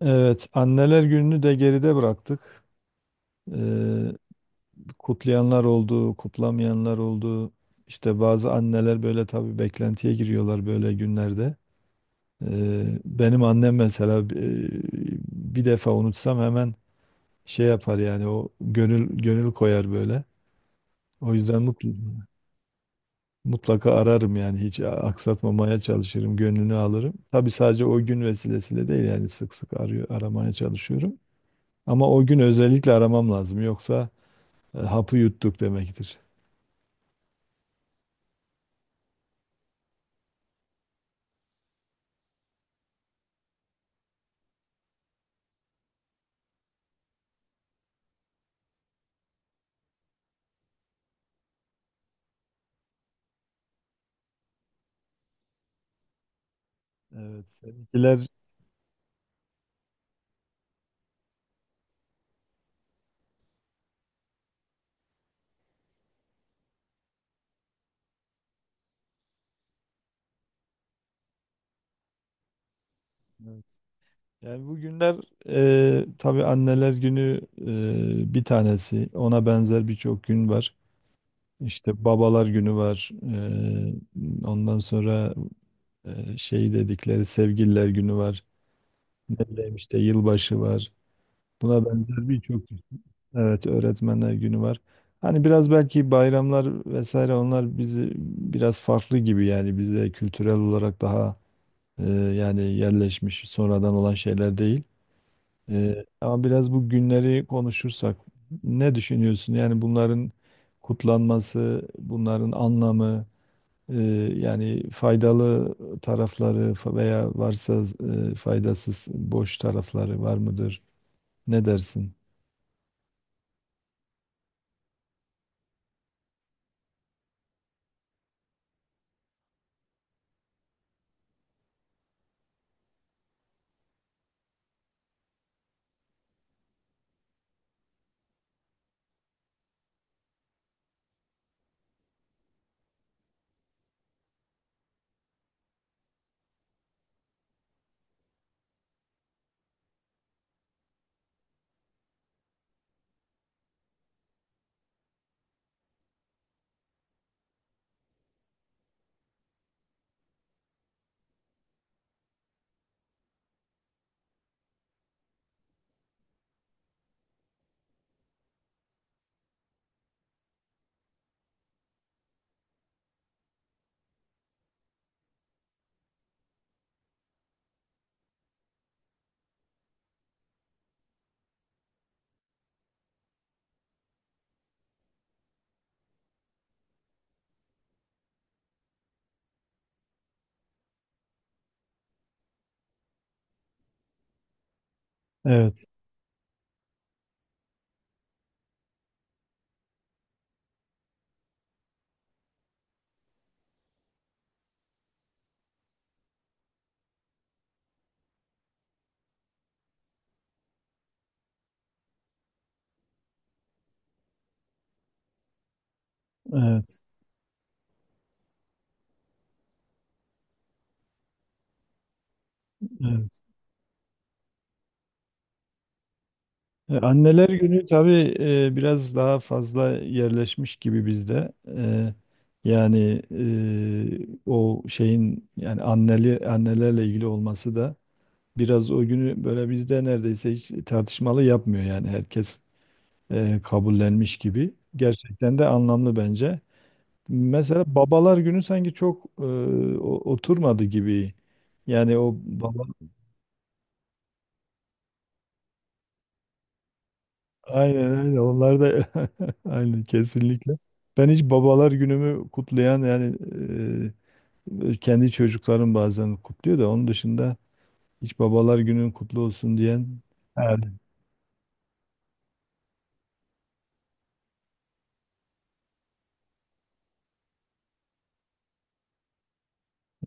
Evet, Anneler Günü'nü de geride bıraktık. Ee, kutlayanlar oldu, kutlamayanlar oldu. İşte bazı anneler böyle tabii beklentiye giriyorlar böyle günlerde. Benim annem mesela bir defa unutsam hemen şey yapar yani o gönül gönül koyar böyle. O yüzden mutl- Mutlaka ararım yani hiç aksatmamaya çalışırım, gönlünü alırım. Tabii sadece o gün vesilesiyle değil yani sık sık arıyor, aramaya çalışıyorum. Ama o gün özellikle aramam lazım yoksa hapı yuttuk demektir. Evet, seninkiler. Evet. Yani bugünler tabii anneler günü bir tanesi. Ona benzer birçok gün var. İşte babalar günü var. E, ondan sonra şey dedikleri sevgililer günü var. Ne bileyim işte yılbaşı var. Buna benzer birçok gün. Evet, öğretmenler günü var. Hani biraz belki bayramlar vesaire onlar bizi biraz farklı gibi yani bizde kültürel olarak daha yani yerleşmiş sonradan olan şeyler değil. Ama biraz bu günleri konuşursak ne düşünüyorsun? Yani bunların kutlanması, bunların anlamı, e, yani faydalı tarafları veya varsa faydasız boş tarafları var mıdır? Ne dersin? Evet, evet, evet. Anneler günü tabii biraz daha fazla yerleşmiş gibi bizde. Yani o şeyin yani annelerle ilgili olması da biraz o günü böyle bizde neredeyse hiç tartışmalı yapmıyor yani herkes kabullenmiş gibi. Gerçekten de anlamlı bence. Mesela babalar günü sanki çok oturmadı gibi. Yani o baba. Aynen aynen onlar da aynen kesinlikle. Ben hiç babalar günümü kutlayan yani kendi çocuklarım bazen kutluyor da onun dışında hiç babalar günün kutlu olsun diyen. Evet,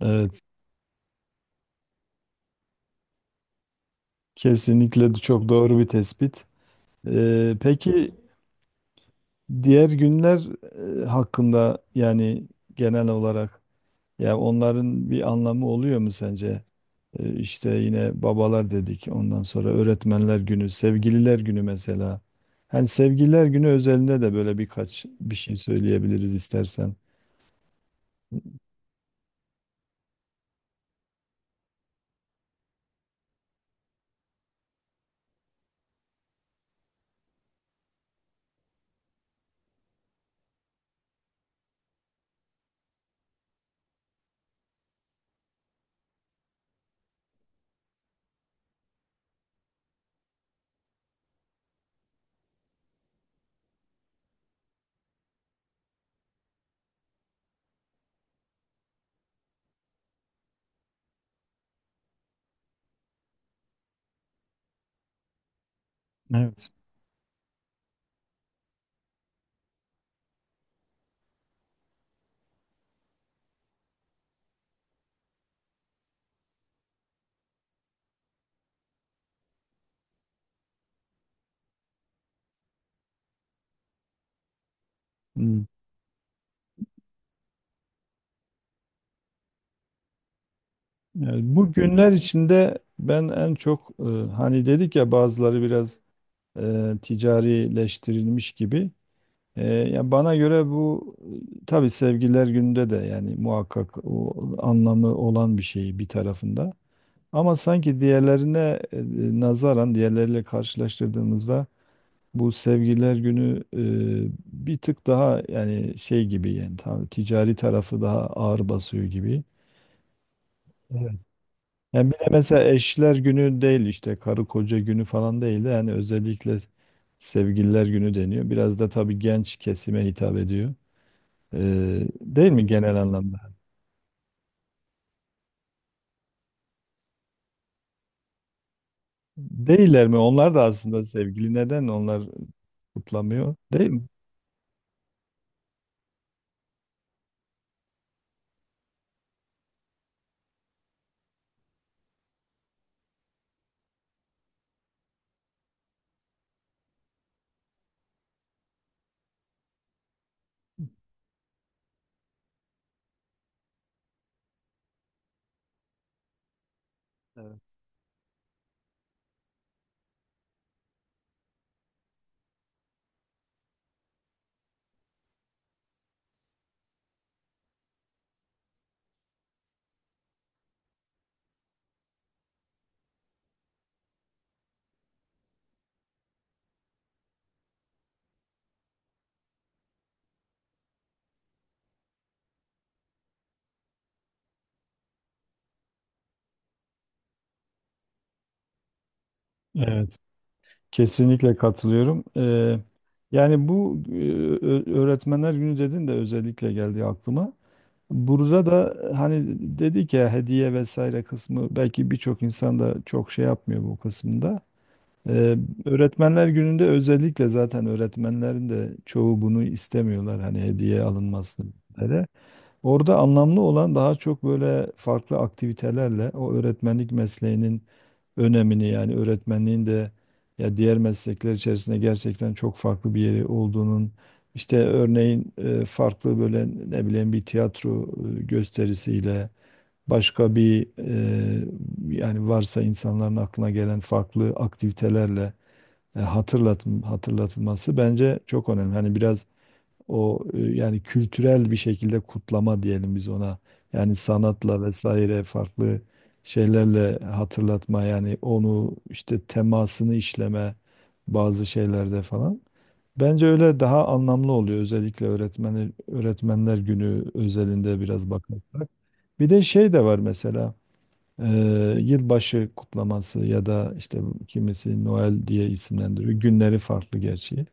evet, kesinlikle de çok doğru bir tespit. Peki diğer günler hakkında yani genel olarak ya onların bir anlamı oluyor mu sence? İşte yine babalar dedik. Ondan sonra öğretmenler günü, sevgililer günü mesela. Hani sevgililer günü özelinde de böyle birkaç bir şey söyleyebiliriz istersen. Evet. Hmm. Yani bu günler içinde ben en çok hani dedik ya bazıları biraz ticarileştirilmiş gibi. Ya bana göre bu tabii sevgililer gününde de yani muhakkak o anlamı olan bir şey bir tarafında. Ama sanki diğerlerine e, nazaran diğerleriyle karşılaştırdığımızda bu sevgililer günü bir tık daha yani şey gibi yani tam ticari tarafı daha ağır basıyor gibi. Evet. Yani bir de mesela eşler günü değil işte karı koca günü falan değil de yani özellikle sevgililer günü deniyor. Biraz da tabii genç kesime hitap ediyor. Değil mi genel anlamda? Değiller mi? Onlar da aslında sevgili. Neden onlar kutlamıyor? Değil mi? Evet. Evet, kesinlikle katılıyorum. Yani bu öğretmenler günü dedin de özellikle geldi aklıma. Burada da hani dedik ya hediye vesaire kısmı belki birçok insan da çok şey yapmıyor bu kısımda. Ee, öğretmenler gününde özellikle zaten öğretmenlerin de çoğu bunu istemiyorlar hani hediye alınmasını. Orada anlamlı olan daha çok böyle farklı aktivitelerle o öğretmenlik mesleğinin önemini yani öğretmenliğin de ya diğer meslekler içerisinde gerçekten çok farklı bir yeri olduğunun işte örneğin farklı böyle ne bileyim bir tiyatro gösterisiyle başka bir yani varsa insanların aklına gelen farklı aktivitelerle hatırlatılması bence çok önemli. Hani biraz o yani kültürel bir şekilde kutlama diyelim biz ona. Yani sanatla vesaire farklı şeylerle hatırlatma yani onu işte temasını işleme bazı şeylerde falan. Bence öyle daha anlamlı oluyor özellikle öğretmenler günü özelinde biraz bakarsak. Bir de şey de var mesela e, yılbaşı kutlaması ya da işte kimisi Noel diye isimlendiriyor. Günleri farklı gerçi.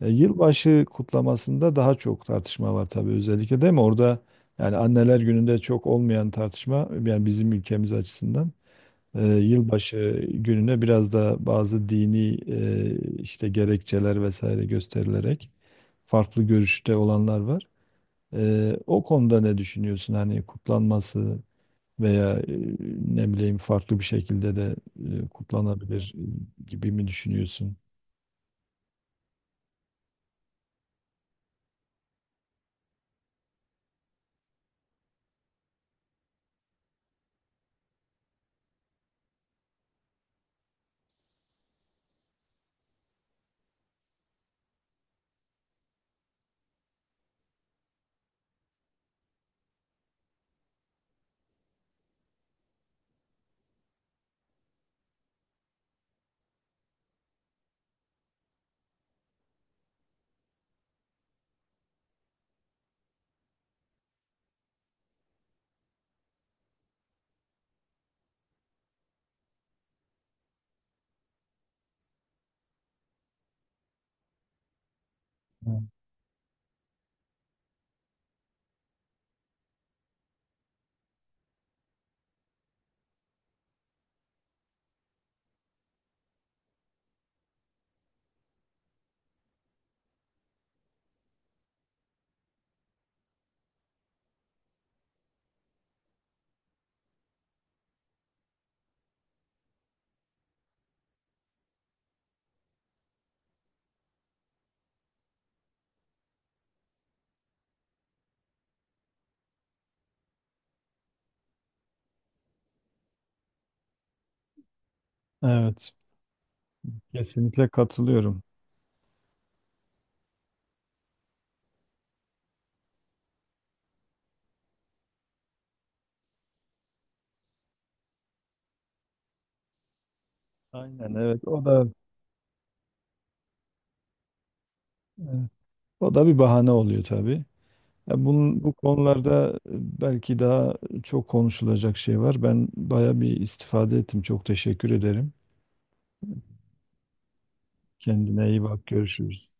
Yılbaşı kutlamasında daha çok tartışma var tabii özellikle değil mi? Orada yani anneler gününde çok olmayan tartışma yani bizim ülkemiz açısından yılbaşı gününe biraz da bazı dini işte gerekçeler vesaire gösterilerek farklı görüşte olanlar var. O konuda ne düşünüyorsun? Hani kutlanması veya ne bileyim farklı bir şekilde de kutlanabilir gibi mi düşünüyorsun? Evet, kesinlikle katılıyorum. Aynen, evet, o da evet, o da bir bahane oluyor tabii. Ya bunun, bu konularda belki daha çok konuşulacak şey var. Ben baya bir istifade ettim. Çok teşekkür ederim. Kendine iyi bak. Görüşürüz.